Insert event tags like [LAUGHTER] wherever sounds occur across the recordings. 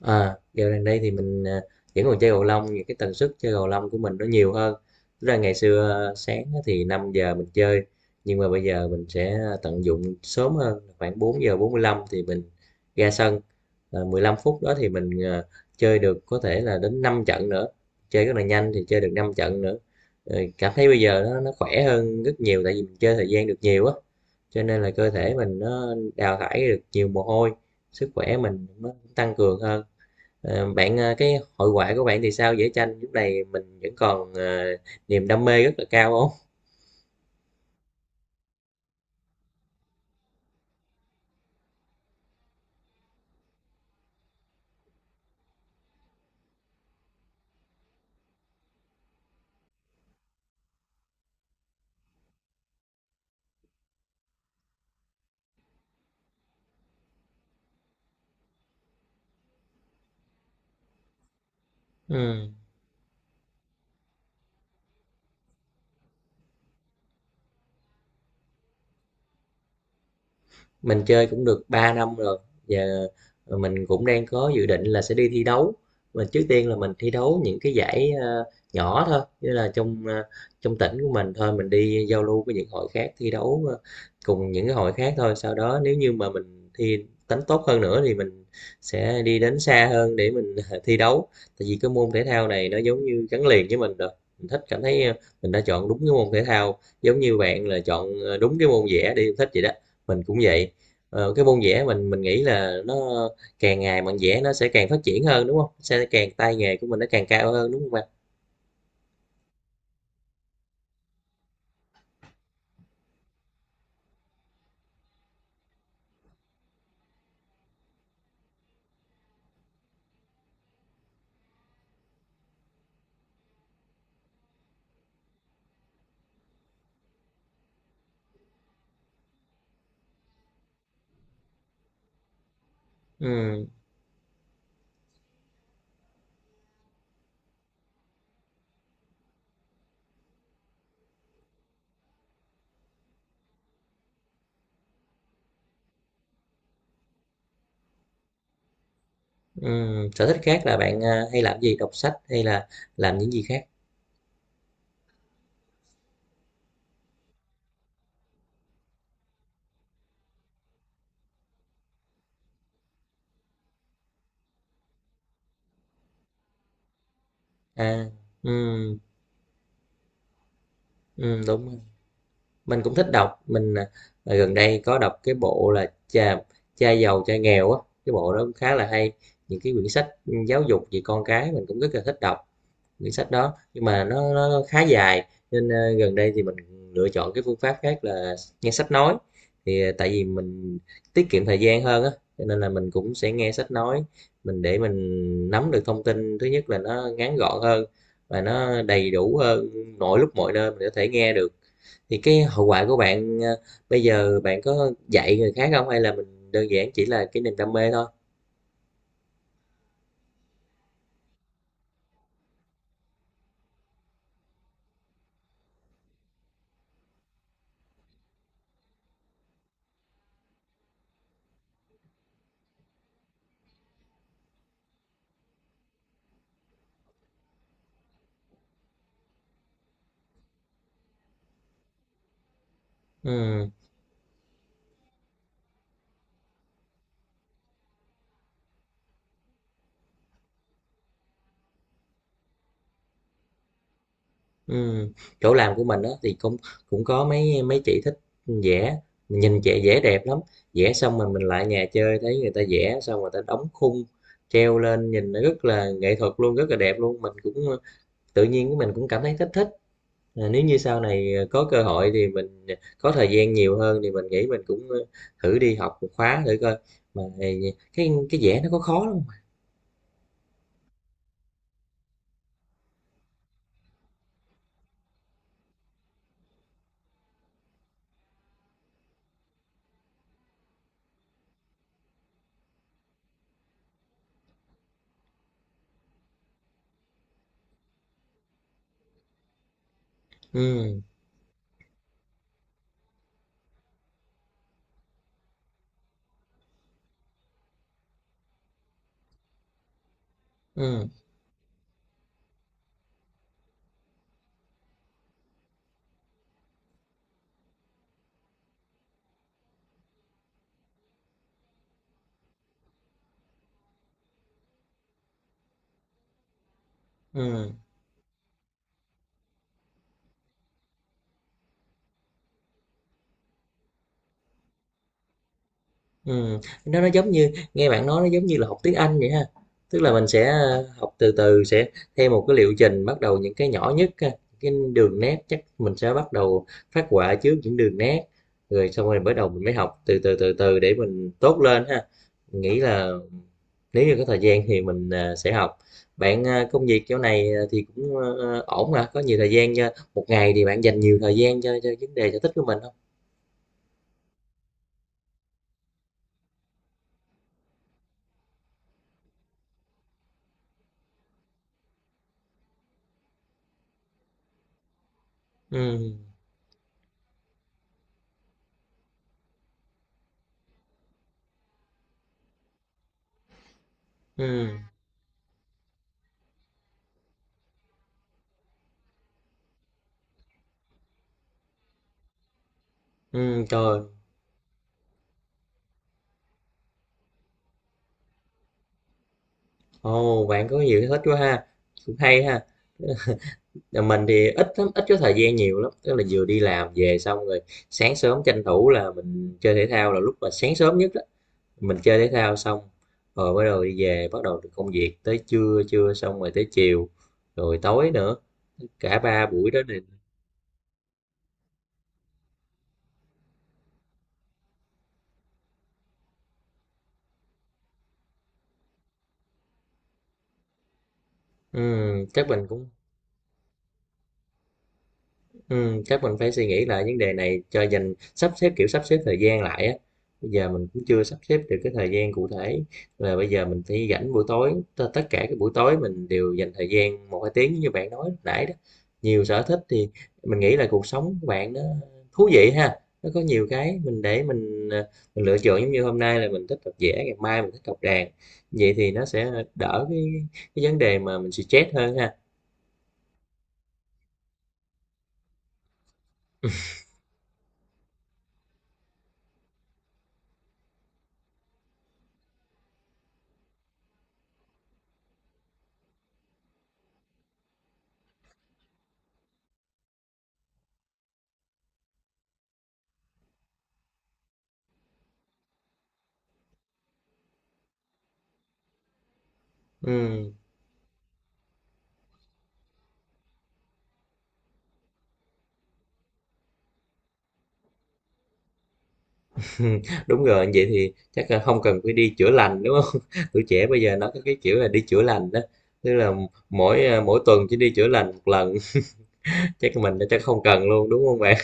À, dạo gần đây thì mình vẫn còn chơi cầu lông, những cái tần suất chơi cầu lông của mình nó nhiều hơn. Tức là ngày xưa sáng á thì 5 giờ mình chơi, nhưng mà bây giờ mình sẽ tận dụng sớm hơn khoảng 4 giờ 45 thì mình ra sân. 15 phút đó thì mình chơi được có thể là đến 5 trận nữa, chơi rất là nhanh thì chơi được 5 trận nữa. Cảm thấy bây giờ nó khỏe hơn rất nhiều, tại vì mình chơi thời gian được nhiều á, cho nên là cơ thể mình nó đào thải được nhiều mồ hôi, sức khỏe mình nó tăng cường hơn. Bạn, cái hội họa của bạn thì sao? Vẽ tranh lúc này mình vẫn còn niềm đam mê rất là cao không? Ừ. Mình chơi cũng được 3 năm rồi. Giờ mình cũng đang có dự định là sẽ đi thi đấu. Mình trước tiên là mình thi đấu những cái giải nhỏ thôi, như là trong trong tỉnh của mình thôi, mình đi giao lưu với những hội khác thi đấu cùng những cái hội khác thôi. Sau đó nếu như mà mình thi đánh tốt hơn nữa thì mình sẽ đi đến xa hơn để mình [LAUGHS] thi đấu. Tại vì cái môn thể thao này nó giống như gắn liền với mình rồi. Mình thích cảm thấy mình đã chọn đúng cái môn thể thao, giống như bạn là chọn đúng cái môn vẽ đi thích vậy đó. Mình cũng vậy. Cái môn vẽ mình nghĩ là nó càng ngày mình vẽ nó sẽ càng phát triển hơn đúng không? Sẽ càng tay nghề của mình nó càng cao hơn đúng không bạn? Ừ, ừ. Sở thích khác là bạn hay làm gì? Đọc sách hay là làm những gì khác? À, ừ, ừ, đúng rồi. Mình cũng thích đọc. Mình gần đây có đọc cái bộ là cha cha giàu cha nghèo á, cái bộ đó cũng khá là hay. Những cái quyển sách giáo dục về con cái mình cũng rất là thích đọc. Quyển sách đó nhưng mà nó khá dài nên gần đây thì mình lựa chọn cái phương pháp khác là nghe sách nói, thì tại vì mình tiết kiệm thời gian hơn á, cho nên là mình cũng sẽ nghe sách nói, mình để mình nắm được thông tin thứ nhất là nó ngắn gọn hơn và nó đầy đủ hơn, mọi lúc mọi nơi mình có thể nghe được. Thì cái hậu quả của bạn bây giờ bạn có dạy người khác không, hay là mình đơn giản chỉ là cái niềm đam mê thôi? Ừ. Ừm, chỗ làm của mình đó thì cũng cũng có mấy mấy chị thích vẽ, nhìn chị vẽ đẹp lắm, vẽ xong rồi mình lại nhà chơi thấy người ta vẽ xong người ta đóng khung treo lên nhìn nó rất là nghệ thuật luôn, rất là đẹp luôn. Mình cũng tự nhiên của mình cũng cảm thấy thích thích. Nếu như sau này có cơ hội thì mình có thời gian nhiều hơn thì mình nghĩ mình cũng thử đi học một khóa thử coi. Mà cái vẽ nó có khó lắm? Ừ, ừ, ừ. Ừm, nó giống như nghe bạn nói, nó giống như là học tiếng Anh vậy ha. Tức là mình sẽ, học từ từ, sẽ theo một cái liệu trình, bắt đầu những cái nhỏ nhất ha, cái đường nét chắc mình sẽ bắt đầu phát họa trước những đường nét, rồi xong rồi bắt đầu mình mới học từ từ, từ từ để mình tốt lên ha. Mình nghĩ là nếu như có thời gian thì mình, sẽ học. Bạn, công việc chỗ này, thì cũng, ổn hả? Có nhiều thời gian cho một ngày thì bạn dành nhiều thời gian cho vấn đề sở thích của mình không? Ừm, ừm, trời. Ồ, bạn có nhiều sở thích quá ha, cũng hay ha. Là mình thì ít lắm, ít có thời gian nhiều lắm, tức là vừa đi làm về xong rồi sáng sớm tranh thủ là mình chơi thể thao là lúc mà sáng sớm nhất đó. Mình chơi thể thao xong rồi bắt đầu đi về, bắt đầu công việc tới trưa, trưa xong rồi tới chiều, rồi tối nữa, cả 3 buổi đó thì ừ, chắc mình cũng ừ, chắc mình phải suy nghĩ lại vấn đề này cho dành sắp xếp, kiểu sắp xếp thời gian lại á. Bây giờ mình cũng chưa sắp xếp được cái thời gian cụ thể là bây giờ mình phải rảnh buổi tối, tất cả các buổi tối mình đều dành thời gian 1-2 tiếng như bạn nói lúc nãy đó. Nhiều sở thích thì mình nghĩ là cuộc sống của bạn nó thú vị ha, nó có nhiều cái mình để mình mình lựa chọn, giống như hôm nay là mình thích đọc vẽ, ngày mai mình thích học đàn, vậy thì nó sẽ đỡ cái vấn đề mà mình stress hơn ha. Ừ. [LAUGHS] Ừm, đúng rồi, vậy thì chắc là không cần phải đi chữa lành, đúng không? [LAUGHS] Tuổi trẻ bây giờ nó có cái kiểu là đi chữa lành đó, tức là mỗi, mỗi tuần chỉ đi chữa lành một lần, [LAUGHS] chắc là mình chắc không cần luôn, đúng không bạn?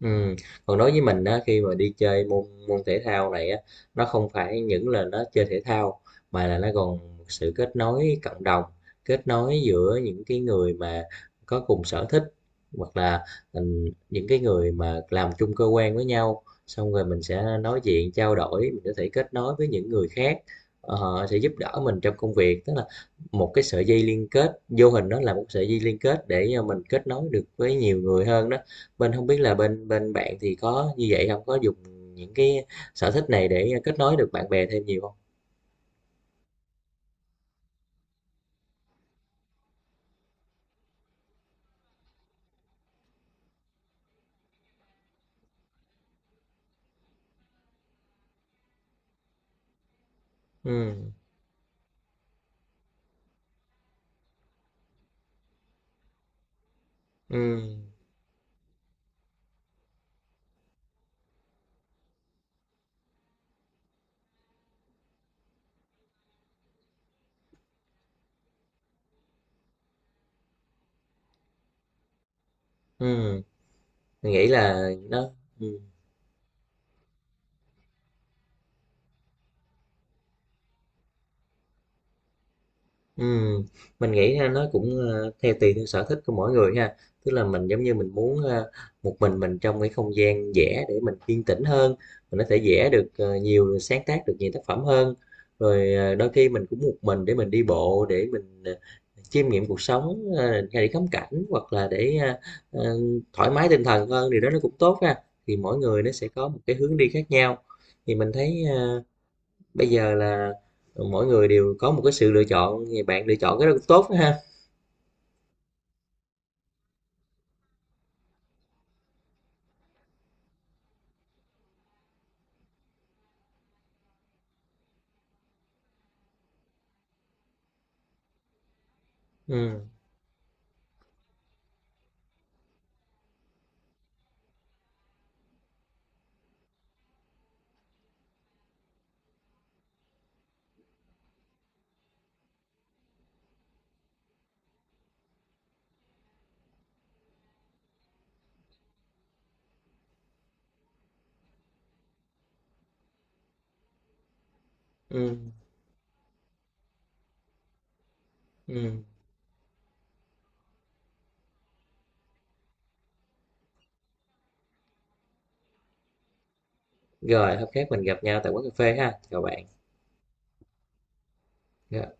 Ừ. Còn đối với mình á, khi mà đi chơi môn môn thể thao này á, nó không phải những là nó chơi thể thao mà là nó còn sự kết nối cộng đồng, kết nối giữa những cái người mà có cùng sở thích, hoặc là ừ, những cái người mà làm chung cơ quan với nhau, xong rồi mình sẽ nói chuyện trao đổi, mình có thể kết nối với những người khác, sẽ giúp đỡ mình trong công việc, tức là một cái sợi dây liên kết vô hình, đó là một sợi dây liên kết để mình kết nối được với nhiều người hơn đó. Bên không biết là bên bên bạn thì có như vậy không? Có dùng những cái sở thích này để kết nối được bạn bè thêm nhiều không? Ừm, ừm, ừm, mình nghĩ là nó ừm. Ừm, mình nghĩ ha, nó cũng theo tùy theo sở thích của mỗi người ha. Tức là mình, giống như, mình muốn, một mình trong cái không gian vẽ để mình yên tĩnh hơn, mình có thể vẽ được, nhiều, sáng tác được nhiều tác phẩm hơn. Rồi, đôi khi mình cũng một mình để mình đi bộ, để mình, chiêm nghiệm cuộc sống, hay để ngắm cảnh, hoặc là để, ờ, thoải mái tinh thần hơn, thì đó nó cũng tốt ha. Thì mỗi người nó sẽ có một cái hướng đi khác nhau. Thì mình thấy, bây giờ là mỗi người đều có một cái sự lựa chọn, thì bạn lựa chọn cái đó cũng tốt đó ha. Ừ, ừ, ừ. Rồi hôm khác mình gặp nhau tại quán cà phê ha, chào bạn. Rồi.